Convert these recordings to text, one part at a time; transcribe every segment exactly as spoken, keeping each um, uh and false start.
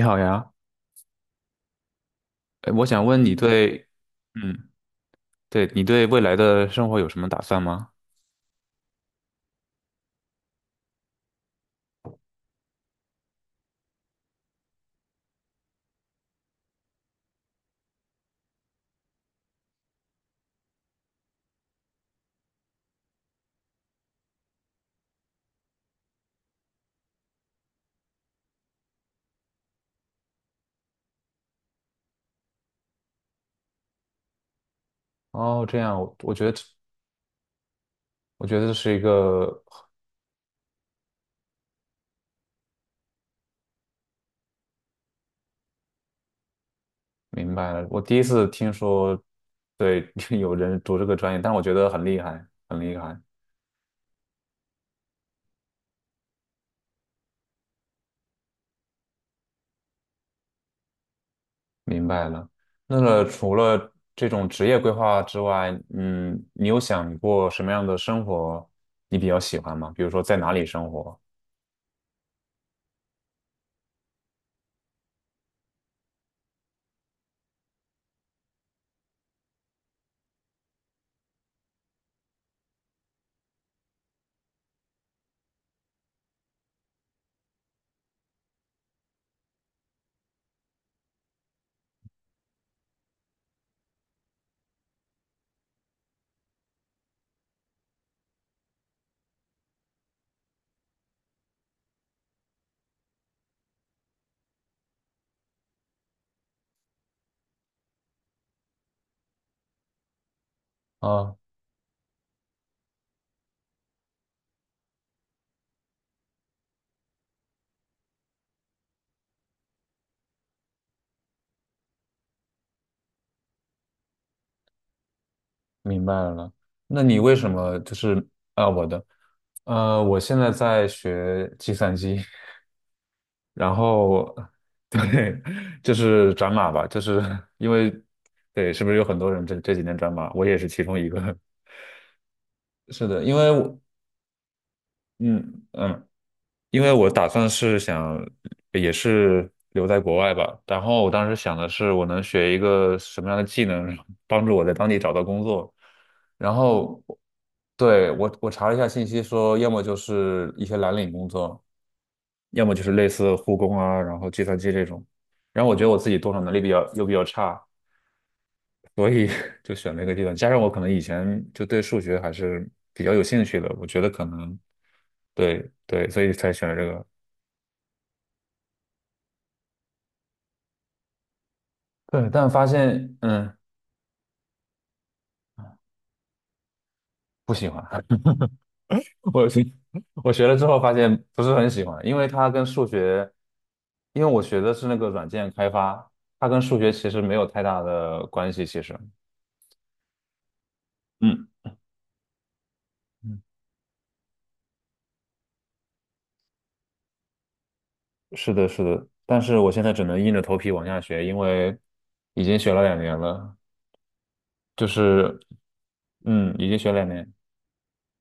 你好呀，哎，我想问你对，嗯，对你对未来的生活有什么打算吗？哦，这样，我我觉得这我觉得这是一个，明白了，我第一次听说，对，有人读这个专业，但我觉得很厉害，很厉害，明白了。那么除了这种职业规划之外，嗯，你有想过什么样的生活你比较喜欢吗？比如说在哪里生活？啊、明白了。那你为什么就是啊、我的，呃，我现在在学计算机，然后就是转码吧，就是因为对，是不是有很多人这这几年转码？我也是其中一个。是的，因为我嗯嗯，因为我打算是想也是留在国外吧，然后我当时想的是我能学一个什么样的技能，帮助我在当地找到工作。然后对，我我查了一下信息说，要么就是一些蓝领工作，要么就是类似护工啊，然后计算机这种。然后我觉得我自己动手能力比较又比较差，所以 就选了一个计算机，加上我可能以前就对数学还是比较有兴趣的，我觉得可能对对，所以才选了这个。对，但发现嗯不喜欢，我学我学了之后发现不是很喜欢，因为它跟数学，因为我学的是那个软件开发，它跟数学其实没有太大的关系，其实。嗯嗯，是的，是的，但是我现在只能硬着头皮往下学，因为已经学了两年了，就是嗯，已经学了两年，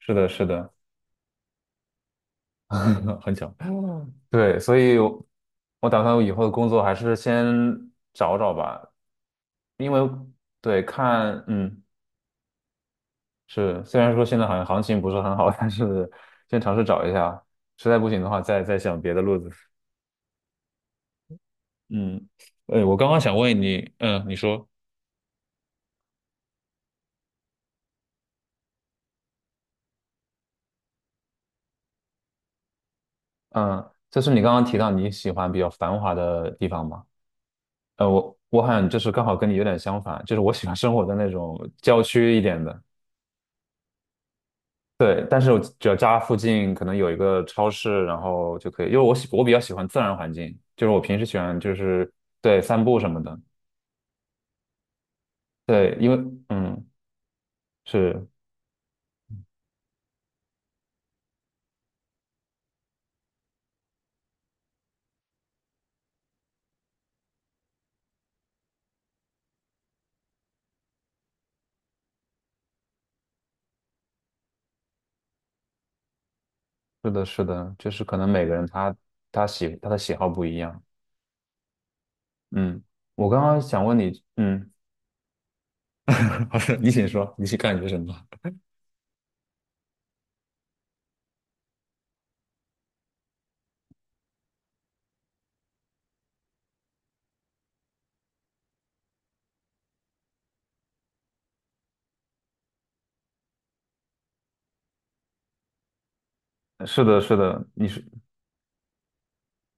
是的，是的，很巧。对，所以我，我打算我以后的工作还是先找找吧，因为对看，嗯，是，虽然说现在好像行情不是很好，但是先尝试找一下，实在不行的话再再想别的路子。嗯，哎，我刚刚想问你，嗯，你说，嗯，就是你刚刚提到你喜欢比较繁华的地方吗？呃，我我好像就是刚好跟你有点相反，就是我喜欢生活在那种郊区一点的。对，但是我只要家附近可能有一个超市，然后就可以，因为我喜我比较喜欢自然环境，就是我平时喜欢就是对散步什么的。对，因为嗯，是是的，是的，就是可能每个人他他喜他的喜好不一样。嗯，我刚刚想问你，嗯，老师，你请说，你是感觉什么？是的，是的，你是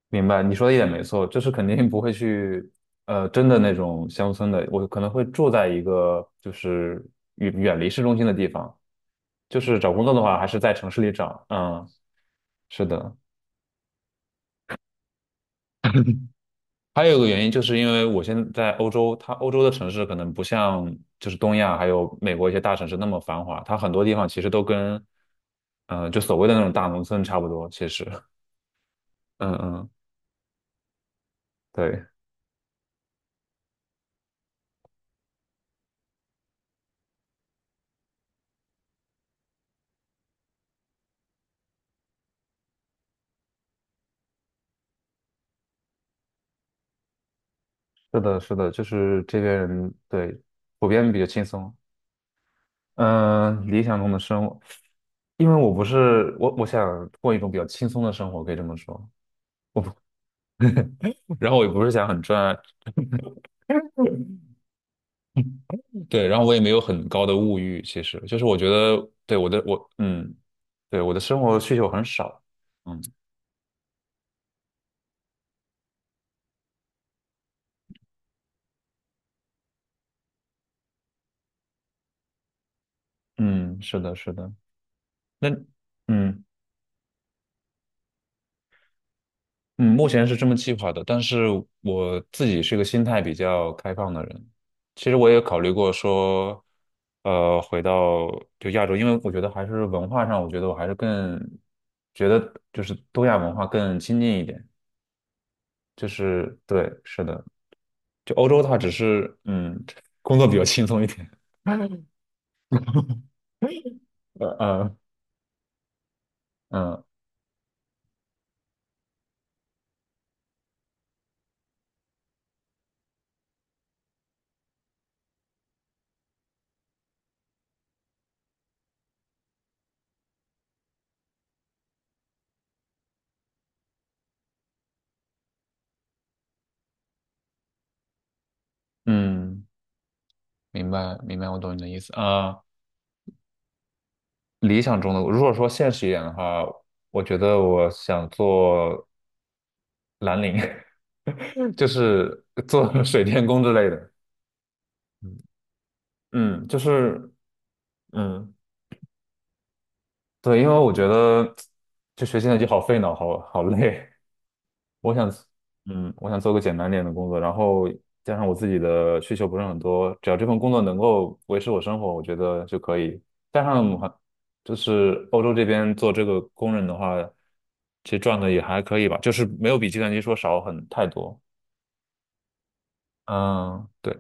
明白，你说的一点没错，就是肯定不会去，呃，真的那种乡村的，我可能会住在一个就是远远离市中心的地方，就是找工作的话，还是在城市里找。嗯，是的，还有一个原因，就是因为我现在在欧洲，它欧洲的城市可能不像就是东亚还有美国一些大城市那么繁华，它很多地方其实都跟，嗯、就所谓的那种大农村差不多。其实，嗯嗯，对，是的，是的，就是这边人对普遍比较轻松。嗯、理想中的生活，因为我不是我，我想过一种比较轻松的生活，可以这么说。然后我也不是想很赚，对，然后我也没有很高的物欲，其实就是我觉得对我的我嗯，对我的生活需求很少，嗯嗯，是的，是的，那嗯嗯，目前是这么计划的，但是我自己是个心态比较开放的人，其实我也考虑过说，呃，回到就亚洲，因为我觉得还是文化上，我觉得我还是更觉得就是东亚文化更亲近一点，就是对，是的，就欧洲它只是嗯工作比较轻松一点。嗯嗯嗯，嗯，明白明白，我懂你的意思啊。理想中的，如果说现实一点的话，我觉得我想做蓝领，就是做 水电工之类的。嗯，就是嗯，对，因为我觉得就学计算机好费脑，好好累。我想，嗯，我想做个简单点的工作，然后加上我自己的需求不是很多，只要这份工作能够维持我生活，我觉得就可以。加上还就是欧洲这边做这个工人的话，其实赚的也还可以吧，就是没有比计算机说少很太多。嗯，对，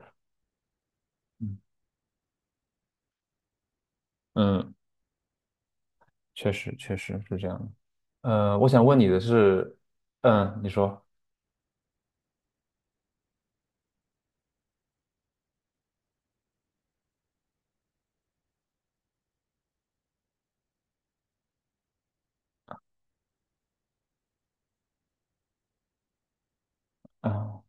嗯，嗯，确实确实是这样的。呃，我想问你的是，嗯，你说，嗯，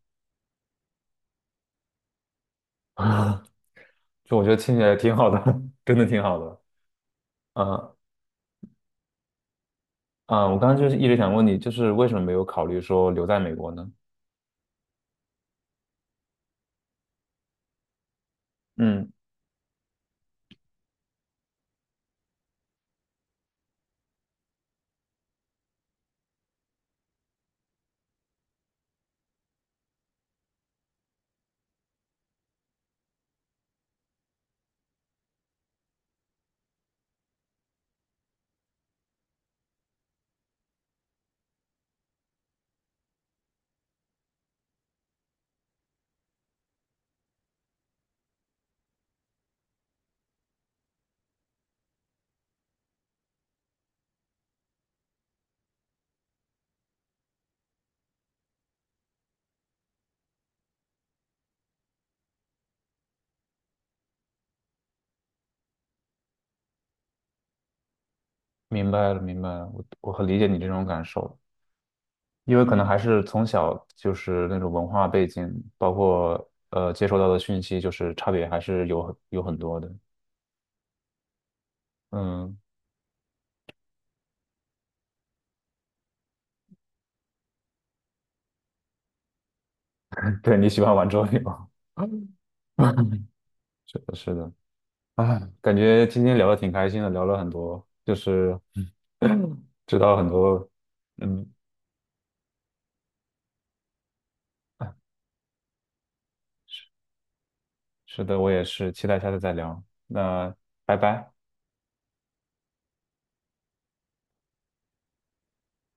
就我觉得听起来挺好的，真的挺好的。嗯。啊，我刚刚就是一直想问你，就是为什么没有考虑说留在美国呢？嗯，明白了，明白了，我我很理解你这种感受，因为可能还是从小就是那种文化背景，包括呃接收到的讯息，就是差别还是有很有很多的。嗯，对，你喜欢玩桌游，是的，是的，啊，感觉今天聊的挺开心的，聊了很多，就是 知道很多，嗯。是的，我也是，期待下次再聊。那拜拜。